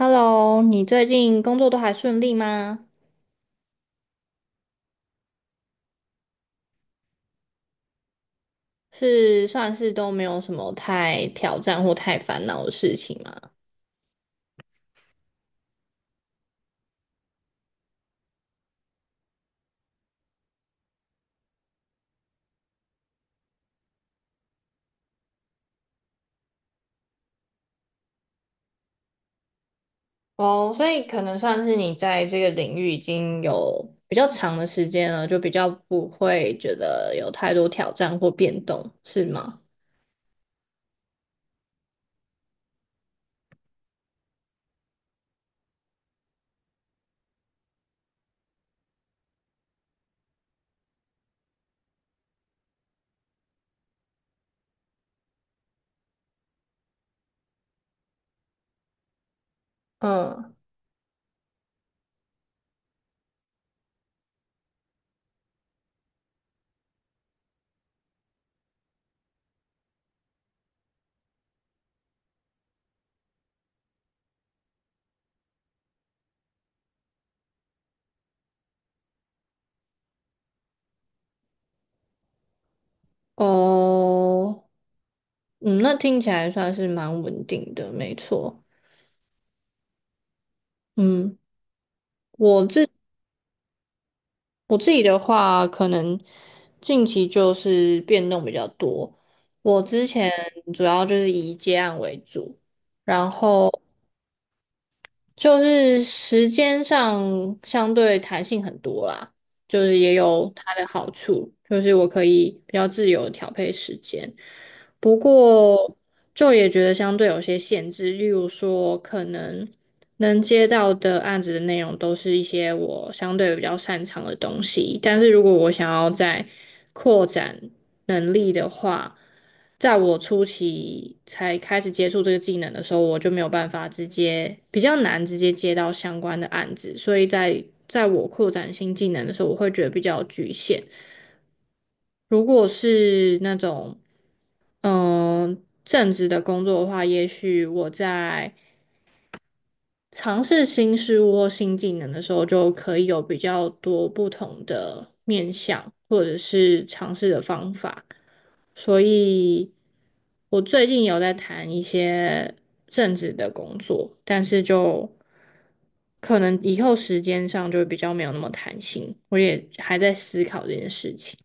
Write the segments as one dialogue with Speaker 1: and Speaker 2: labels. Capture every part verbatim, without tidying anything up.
Speaker 1: Hello，你最近工作都还顺利吗？是算是都没有什么太挑战或太烦恼的事情吗？哦，所以可能算是你在这个领域已经有比较长的时间了，就比较不会觉得有太多挑战或变动，是吗？嗯，哦，嗯，那听起来算是蛮稳定的，没错。嗯。我自我自己的话，可能近期就是变动比较多。我之前主要就是以接案为主，然后就是时间上相对弹性很多啦，就是也有它的好处，就是我可以比较自由地调配时间。不过就也觉得相对有些限制，例如说可能。能接到的案子的内容都是一些我相对比较擅长的东西，但是如果我想要再扩展能力的话，在我初期才开始接触这个技能的时候，我就没有办法直接，比较难直接接到相关的案子，所以在在我扩展新技能的时候，我会觉得比较局限。如果是那种嗯、呃正职的工作的话，也许我在尝试新事物或新技能的时候，就可以有比较多不同的面向，或者是尝试的方法。所以，我最近有在谈一些政治的工作，但是就可能以后时间上就比较没有那么弹性。我也还在思考这件事情。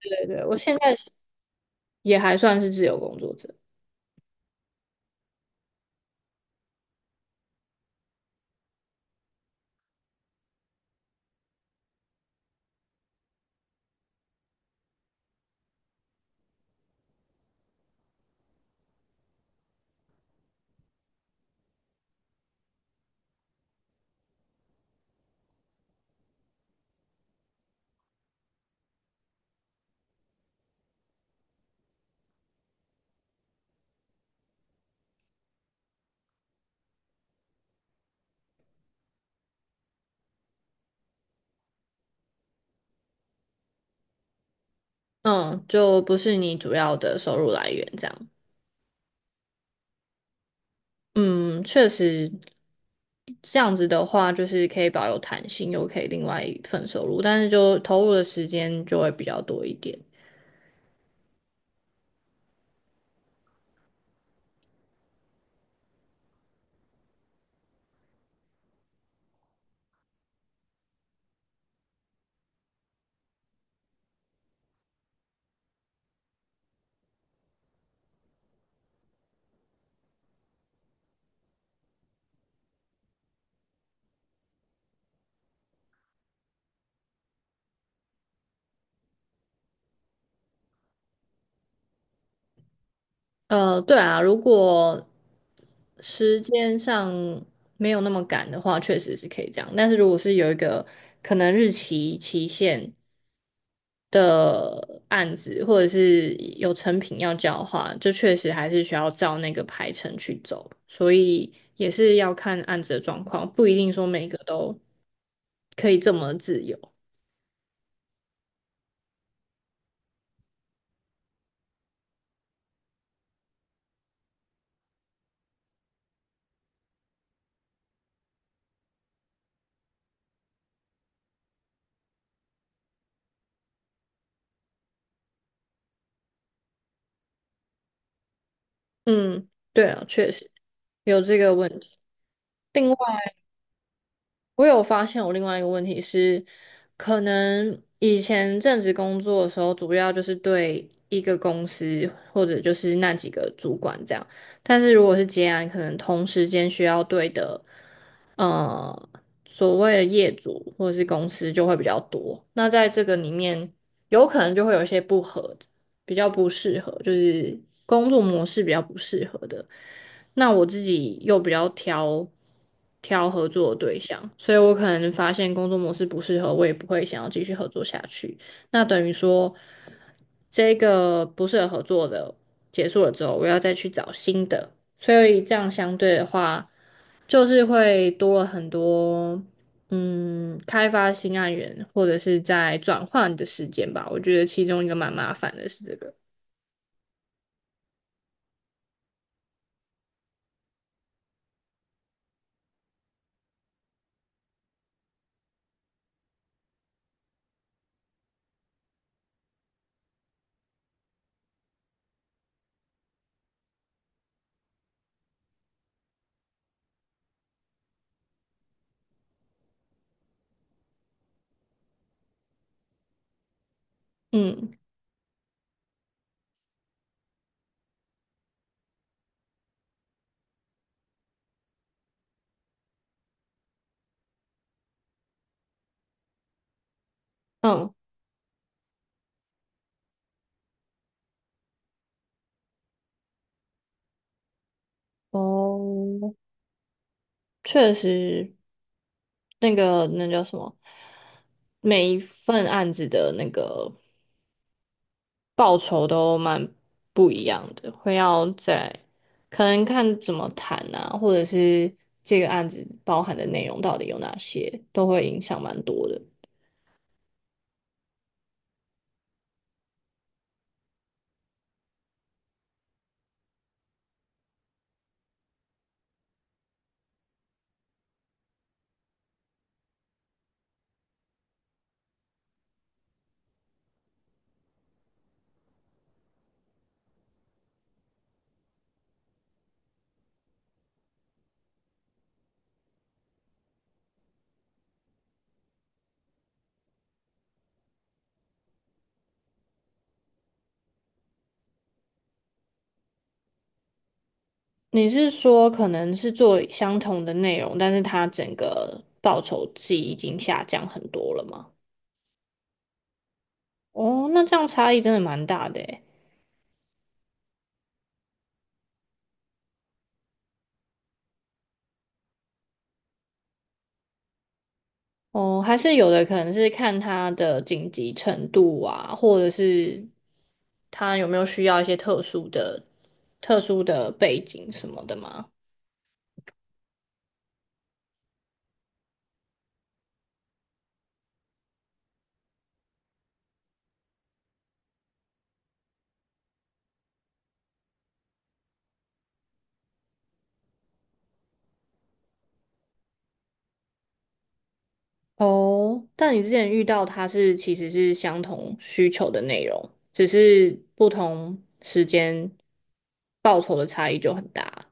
Speaker 1: 对对，我现在也还算是自由工作者，嗯，就不是你主要的收入来源这样。嗯，确实，这样子的话，就是可以保有弹性，又可以另外一份收入，但是就投入的时间就会比较多一点。呃，对啊，如果时间上没有那么赶的话，确实是可以这样。但是如果是有一个可能日期期限的案子，或者是有成品要交的话，就确实还是需要照那个排程去走。所以也是要看案子的状况，不一定说每个都可以这么自由。嗯，对啊，确实有这个问题。另外，我有发现我另外一个问题是，可能以前正职工作的时候，主要就是对一个公司或者就是那几个主管这样，但是如果是接案，可能同时间需要对的呃，所谓的业主或者是公司就会比较多。那在这个里面，有可能就会有一些不合的比较不适合，就是工作模式比较不适合的。那我自己又比较挑挑合作的对象，所以我可能发现工作模式不适合，我也不会想要继续合作下去。那等于说，这个不适合合作的结束了之后，我要再去找新的。所以这样相对的话，就是会多了很多，嗯，开发新案源或者是在转换的时间吧。我觉得其中一个蛮麻烦的是这个，嗯嗯。哦，确实，那个那叫什么，每一份案子的那个报酬都蛮不一样的，会要在可能看怎么谈啊，或者是这个案子包含的内容到底有哪些，都会影响蛮多的。你是说可能是做相同的内容，但是它整个报酬季已经下降很多了吗？哦，那这样差异真的蛮大的诶。哦，还是有的可能是看它的紧急程度啊，或者是它有没有需要一些特殊的、特殊的背景什么的吗？哦，但你之前遇到它是其实是相同需求的内容，只是不同时间报酬的差异就很大。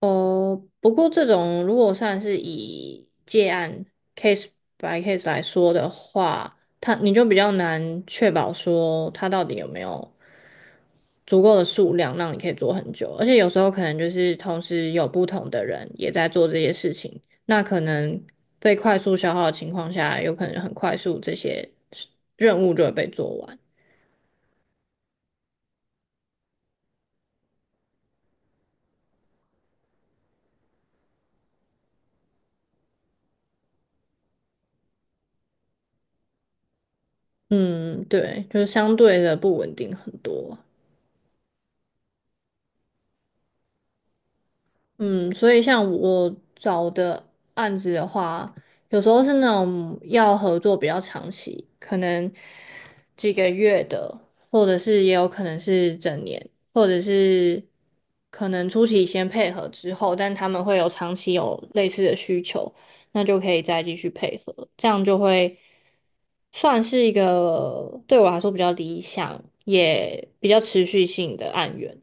Speaker 1: 哦，不过这种如果算是以借案 case by case 来说的话，它你就比较难确保说它到底有没有足够的数量让你可以做很久，而且有时候可能就是同时有不同的人也在做这些事情，那可能被快速消耗的情况下，有可能很快速这些任务就会被做完。嗯，对，就是相对的不稳定很多。嗯，所以像我找的案子的话，有时候是那种要合作比较长期，可能几个月的，或者是也有可能是整年，或者是可能初期先配合之后，但他们会有长期有类似的需求，那就可以再继续配合，这样就会算是一个对我来说比较理想，也比较持续性的案源。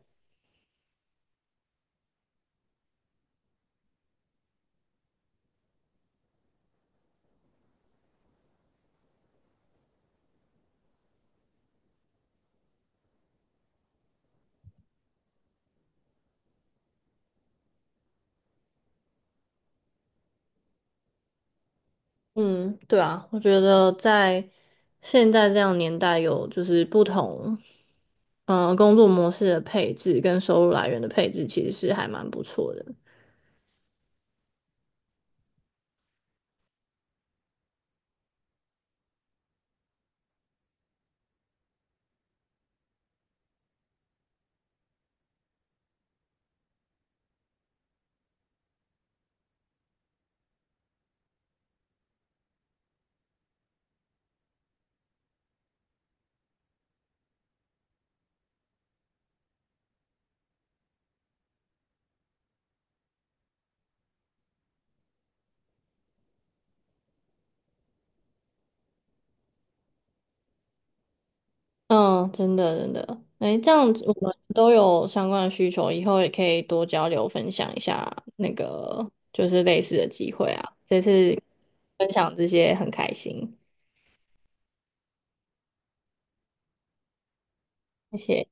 Speaker 1: 嗯，对啊，我觉得在现在这样年代，有就是不同，嗯、工作模式的配置跟收入来源的配置，其实是还蛮不错的。嗯，真的真的，哎，这样子我们都有相关的需求，以后也可以多交流分享一下那个就是类似的机会啊。这次分享这些很开心，谢谢。